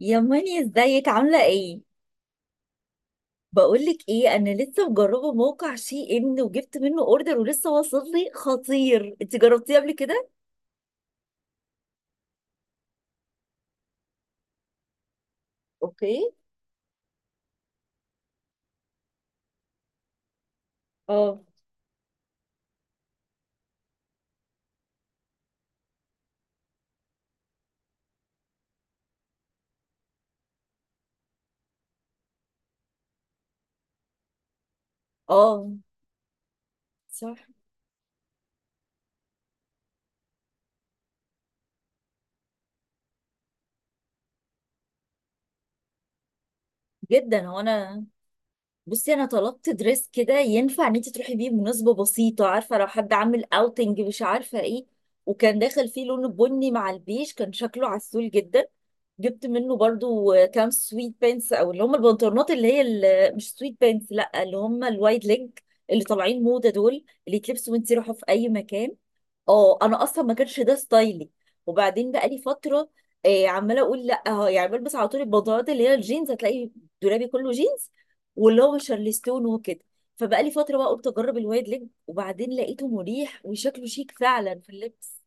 يا ماني ازيك عاملة ايه؟ بقولك ايه انا لسه مجربة موقع شي ان وجبت منه اوردر ولسه واصل لي خطير انت جربتيه قبل كده؟ اوكي. اه. اه، صح. جدا. هو انا بصي انا طلبت دريس كده ينفع ان انت تروحي بيه مناسبه بسيطه، عارفه لو حد عامل اوتنج مش عارفه ايه. وكان داخل فيه لون بني مع البيج، كان شكله عسول جدا. جبت منه برضو كام سويت بانس، او اللي هم البنطلونات اللي هي مش سويت بانس، لا اللي هم الوايد ليج اللي طالعين موضه دول، اللي يتلبسوا وانت رايحه في اي مكان. اه انا اصلا ما كانش ده ستايلي، وبعدين بقى لي فتره عماله اقول لا يعني بلبس على طول البنطلونات اللي هي الجينز. هتلاقي دولابي كله جينز، واللي هو شارلستون وكده. فبقى لي فتره بقى، قلت اجرب الوايد ليج وبعدين لقيته مريح وشكله شيك فعلا في اللبس.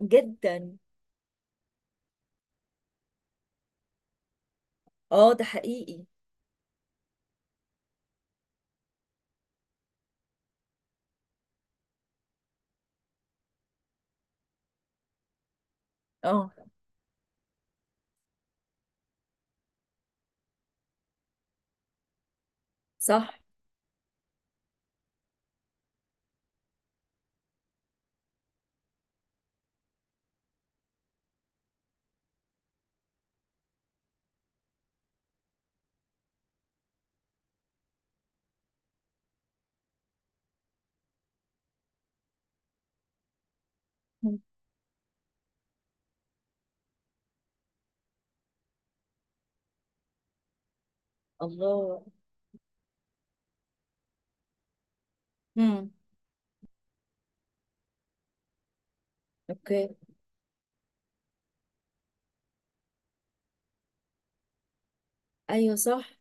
جدا. اه ده حقيقي. اه صح. مم. الله. امم اوكي. ايوه صح.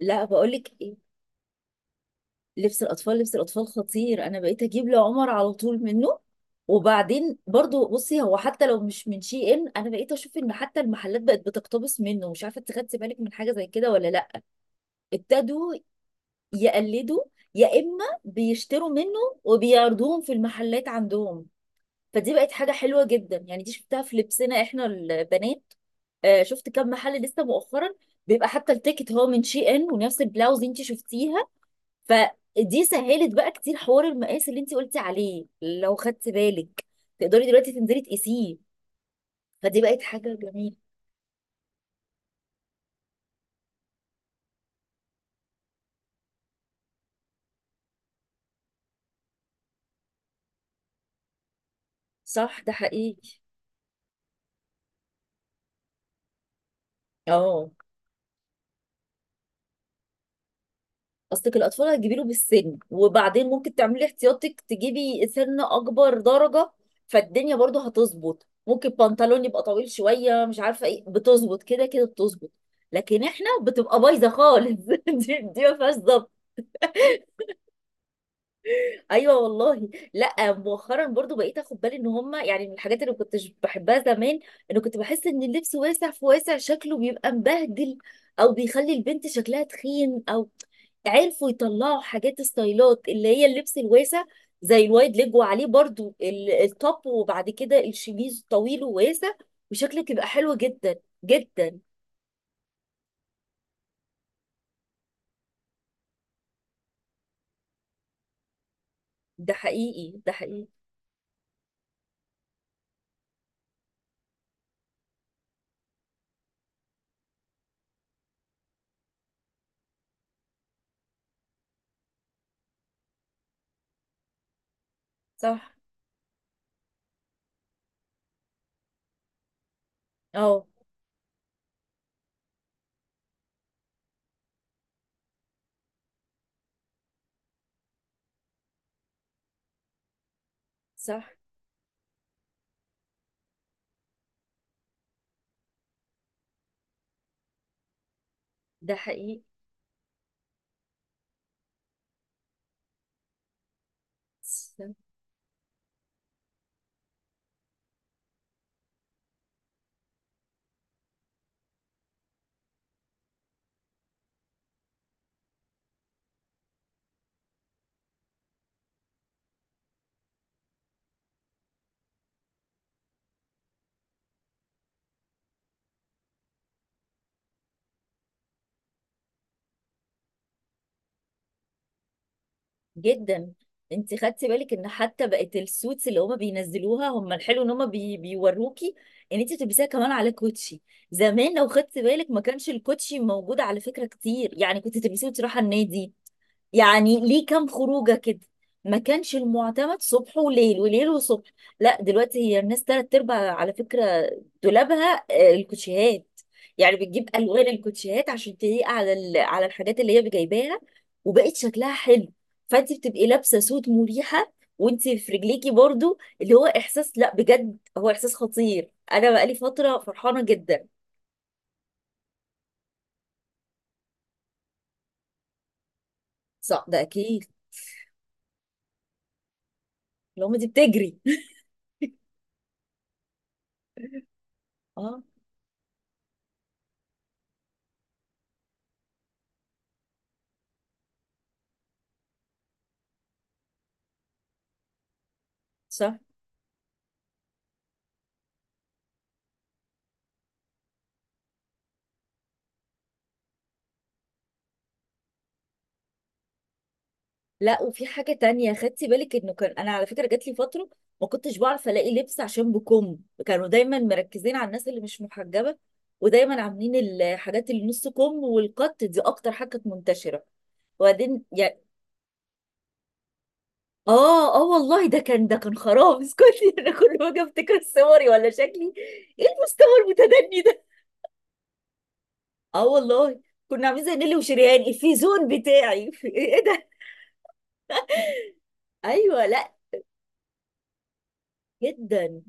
لا بقول لك إيه، لبس الاطفال لبس الاطفال خطير، انا بقيت اجيب لعمر على طول منه. وبعدين برضو بصي هو حتى لو مش من شي ان، انا بقيت اشوف ان حتى المحلات بقت بتقتبس منه. مش عارفه انت خدتي بالك من حاجه زي كده ولا لا. ابتدوا يقلدوا، يا اما بيشتروا منه وبيعرضوهم في المحلات عندهم. فدي بقت حاجه حلوه جدا، يعني دي شفتها في لبسنا احنا البنات. آه، شفت كم محل لسه مؤخرا بيبقى حتى التيكت هو من شي ان، ونفس البلاوز انت شفتيها. فدي سهلت بقى كتير حوار المقاس اللي انت قلتي عليه، لو خدت بالك تقدري دلوقتي تنزلي تقيسيه. فدي بقت حاجة جميلة. صح ده حقيقي. اه اصلك الاطفال هتجيبي له بالسن، وبعدين ممكن تعملي احتياطك تجيبي سن اكبر درجة. فالدنيا برضو هتظبط، ممكن بنطلون يبقى طويل شوية مش عارفة ايه، بتظبط كده كده بتظبط. لكن احنا بتبقى بايظة خالص. دي ما فيهاش ظبط. ايوه والله. لا مؤخرا برضو بقيت اخد بالي ان هما يعني من الحاجات اللي ما كنتش بحبها زمان، انه كنت بحس ان اللبس واسع في واسع شكله بيبقى مبهدل، او بيخلي البنت شكلها تخين. او عرفوا يطلعوا حاجات ستايلات اللي هي اللبس الواسع زي الوايد ليج، وعليه برضو التوب، وبعد كده الشميز طويل وواسع، وشكلك يبقى حلو جدا. جدا. ده حقيقي ده حقيقي. صح. اه صح. ده حقيقي. جدا. انت خدتي بالك ان حتى بقت السوتس اللي هما بينزلوها هم الحلو ان هما بيوروكي ان انت بتلبسيها كمان على كوتشي. زمان لو خدتي بالك ما كانش الكوتشي موجود على فكره كتير، يعني كنت تلبسيه وتروحي النادي، يعني ليه كام خروجه كده. ما كانش المعتمد صبح وليل وليل وصبح. لا دلوقتي هي الناس تلات ارباع على فكره دولابها آه، الكوتشيهات. يعني بتجيب الوان الكوتشيهات عشان تليق على على الحاجات اللي هي جايباها. وبقت شكلها حلو. فانت بتبقي لابسه سوت مريحه وانت في رجليكي برضو، اللي هو احساس، لا بجد هو احساس خطير. انا بقالي فتره فرحانه جدا. صح ده اكيد. لو ما دي بتجري. اه صح. لا وفي حاجة تانية خدتي بالك، انه كان انا على فكرة جات لي فترة ما كنتش بعرف الاقي لبس عشان بكم. كانوا دايما مركزين على الناس اللي مش محجبة، ودايما عاملين الحاجات اللي نص كم والقط، دي اكتر حاجة كانت منتشرة. وبعدين يعني اه اه والله ده كان، ده كان خراب اسكتي. انا كل ما اجي افتكر صوري ولا شكلي، ايه المستوى المتدني ده. اه والله كنا عاملين زي نيلي وشريان الفيزون بتاعي. ايه ده. ايوه. لا. جدا.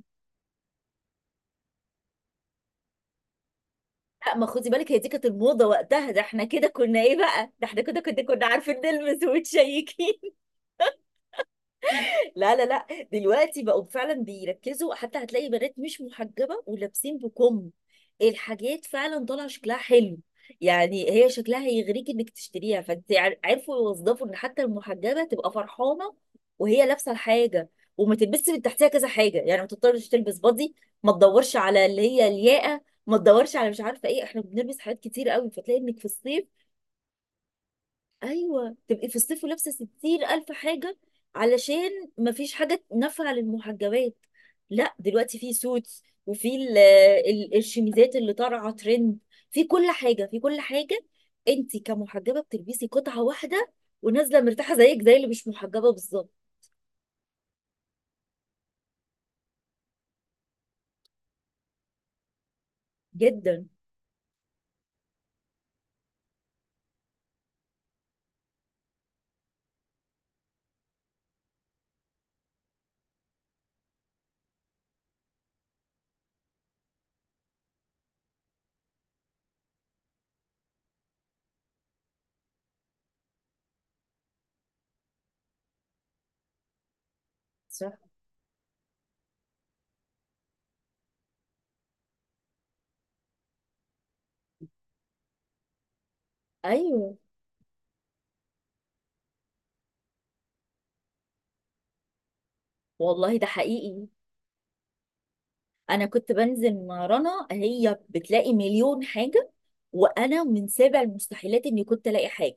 لا ما خدي بالك هي دي كانت الموضة وقتها. ده احنا كده كنا ايه بقى، ده احنا كده كنا عارفين نلمس وتشيكين. لا لا لا. دلوقتي بقوا فعلا بيركزوا، حتى هتلاقي بنات مش محجبة ولابسين بكم. الحاجات فعلا طالعة شكلها حلو، يعني هي شكلها هيغريك انك تشتريها. فانت عرفوا يوظفوا ان حتى المحجبة تبقى فرحانة وهي لابسة الحاجة، وما تلبسش من تحتها كذا حاجة، يعني ما تضطرش تلبس بادي، ما تدورش على اللي هي الياقة، ما تدورش على مش عارفة ايه. احنا بنلبس حاجات كتير قوي، فتلاقي انك في الصيف. ايوه تبقي في الصيف لابسه 60 الف حاجه، علشان مفيش حاجه نافعه للمحجبات. لا دلوقتي في سوتس، وفي الشميزات اللي طالعه ترند، في كل حاجه في كل حاجه. انت كمحجبه بتلبسي قطعه واحده ونازله مرتاحه زيك زي اللي مش محجبه بالظبط. جدا. صح. ايوه والله. ده حقيقي. انا كنت بنزل مع رنا، هي بتلاقي مليون حاجه، وانا من سابع المستحيلات اني كنت الاقي حاجه.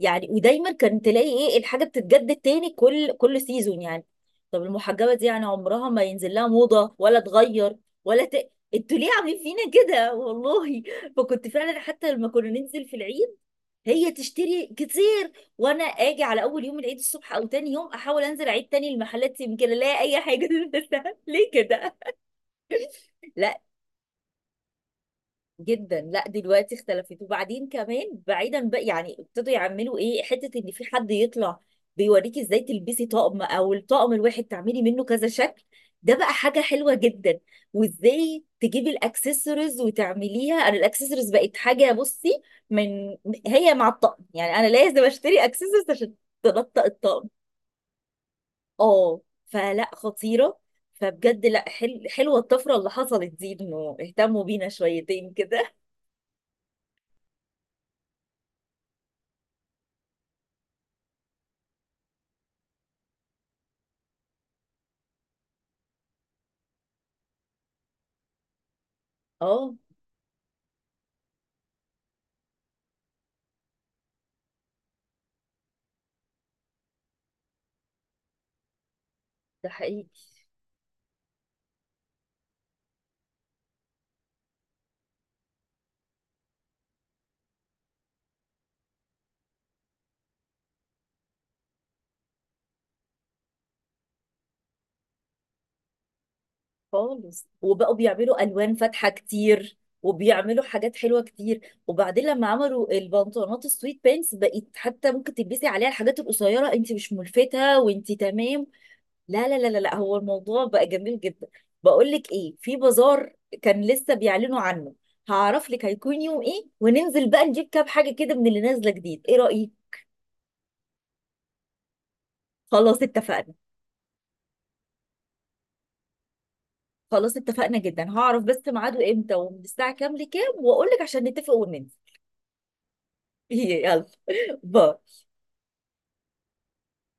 يعني ودايما كان تلاقي ايه، الحاجه بتتجدد تاني كل سيزون، يعني طب المحجبه دي يعني عمرها ما ينزل لها موضه ولا تغير ولا انتوا ليه عاملين فينا كده والله. فكنت فعلا حتى لما كنا ننزل في العيد، هي تشتري كتير، وانا اجي على اول يوم العيد الصبح او تاني يوم احاول انزل اعيد تاني المحلات يمكن الاقي اي حاجه. ليه كده. لا. جدا. لا دلوقتي اختلفت، وبعدين كمان بعيدا بقى يعني ابتدوا يعملوا ايه حته، ان في حد يطلع بيوريكي ازاي تلبسي طقم، او الطقم الواحد تعملي منه كذا شكل. ده بقى حاجه حلوه جدا. وازاي تجيبي الاكسسوارز وتعمليها، انا الاكسسوارز بقت حاجه بصي من، هي مع الطقم يعني انا لازم اشتري اكسسوارز عشان تنطق الطقم. اه. فلا خطيره. فبجد لا حلوه الطفره اللي حصلت دي، انه اهتموا بينا شويتين كده. اه ده حقيقي. خالص. وبقوا بيعملوا الوان فاتحه كتير، وبيعملوا حاجات حلوه كتير. وبعدين لما عملوا البنطلونات السويت بانس، بقت حتى ممكن تلبسي عليها الحاجات القصيره، انت مش ملفته وانت تمام. لا لا لا لا لا، هو الموضوع بقى جميل جدا. بقول لك ايه، في بازار كان لسه بيعلنوا عنه، هعرف لك هيكون يوم ايه وننزل بقى نجيب كام حاجه كده من اللي نازله جديد، ايه رايك؟ خلاص اتفقنا. خلاص اتفقنا، جدا. هعرف بس ميعاده امتى ومن الساعه كام لكام واقول لك، عشان نتفق وننزل. هي يلا. باي.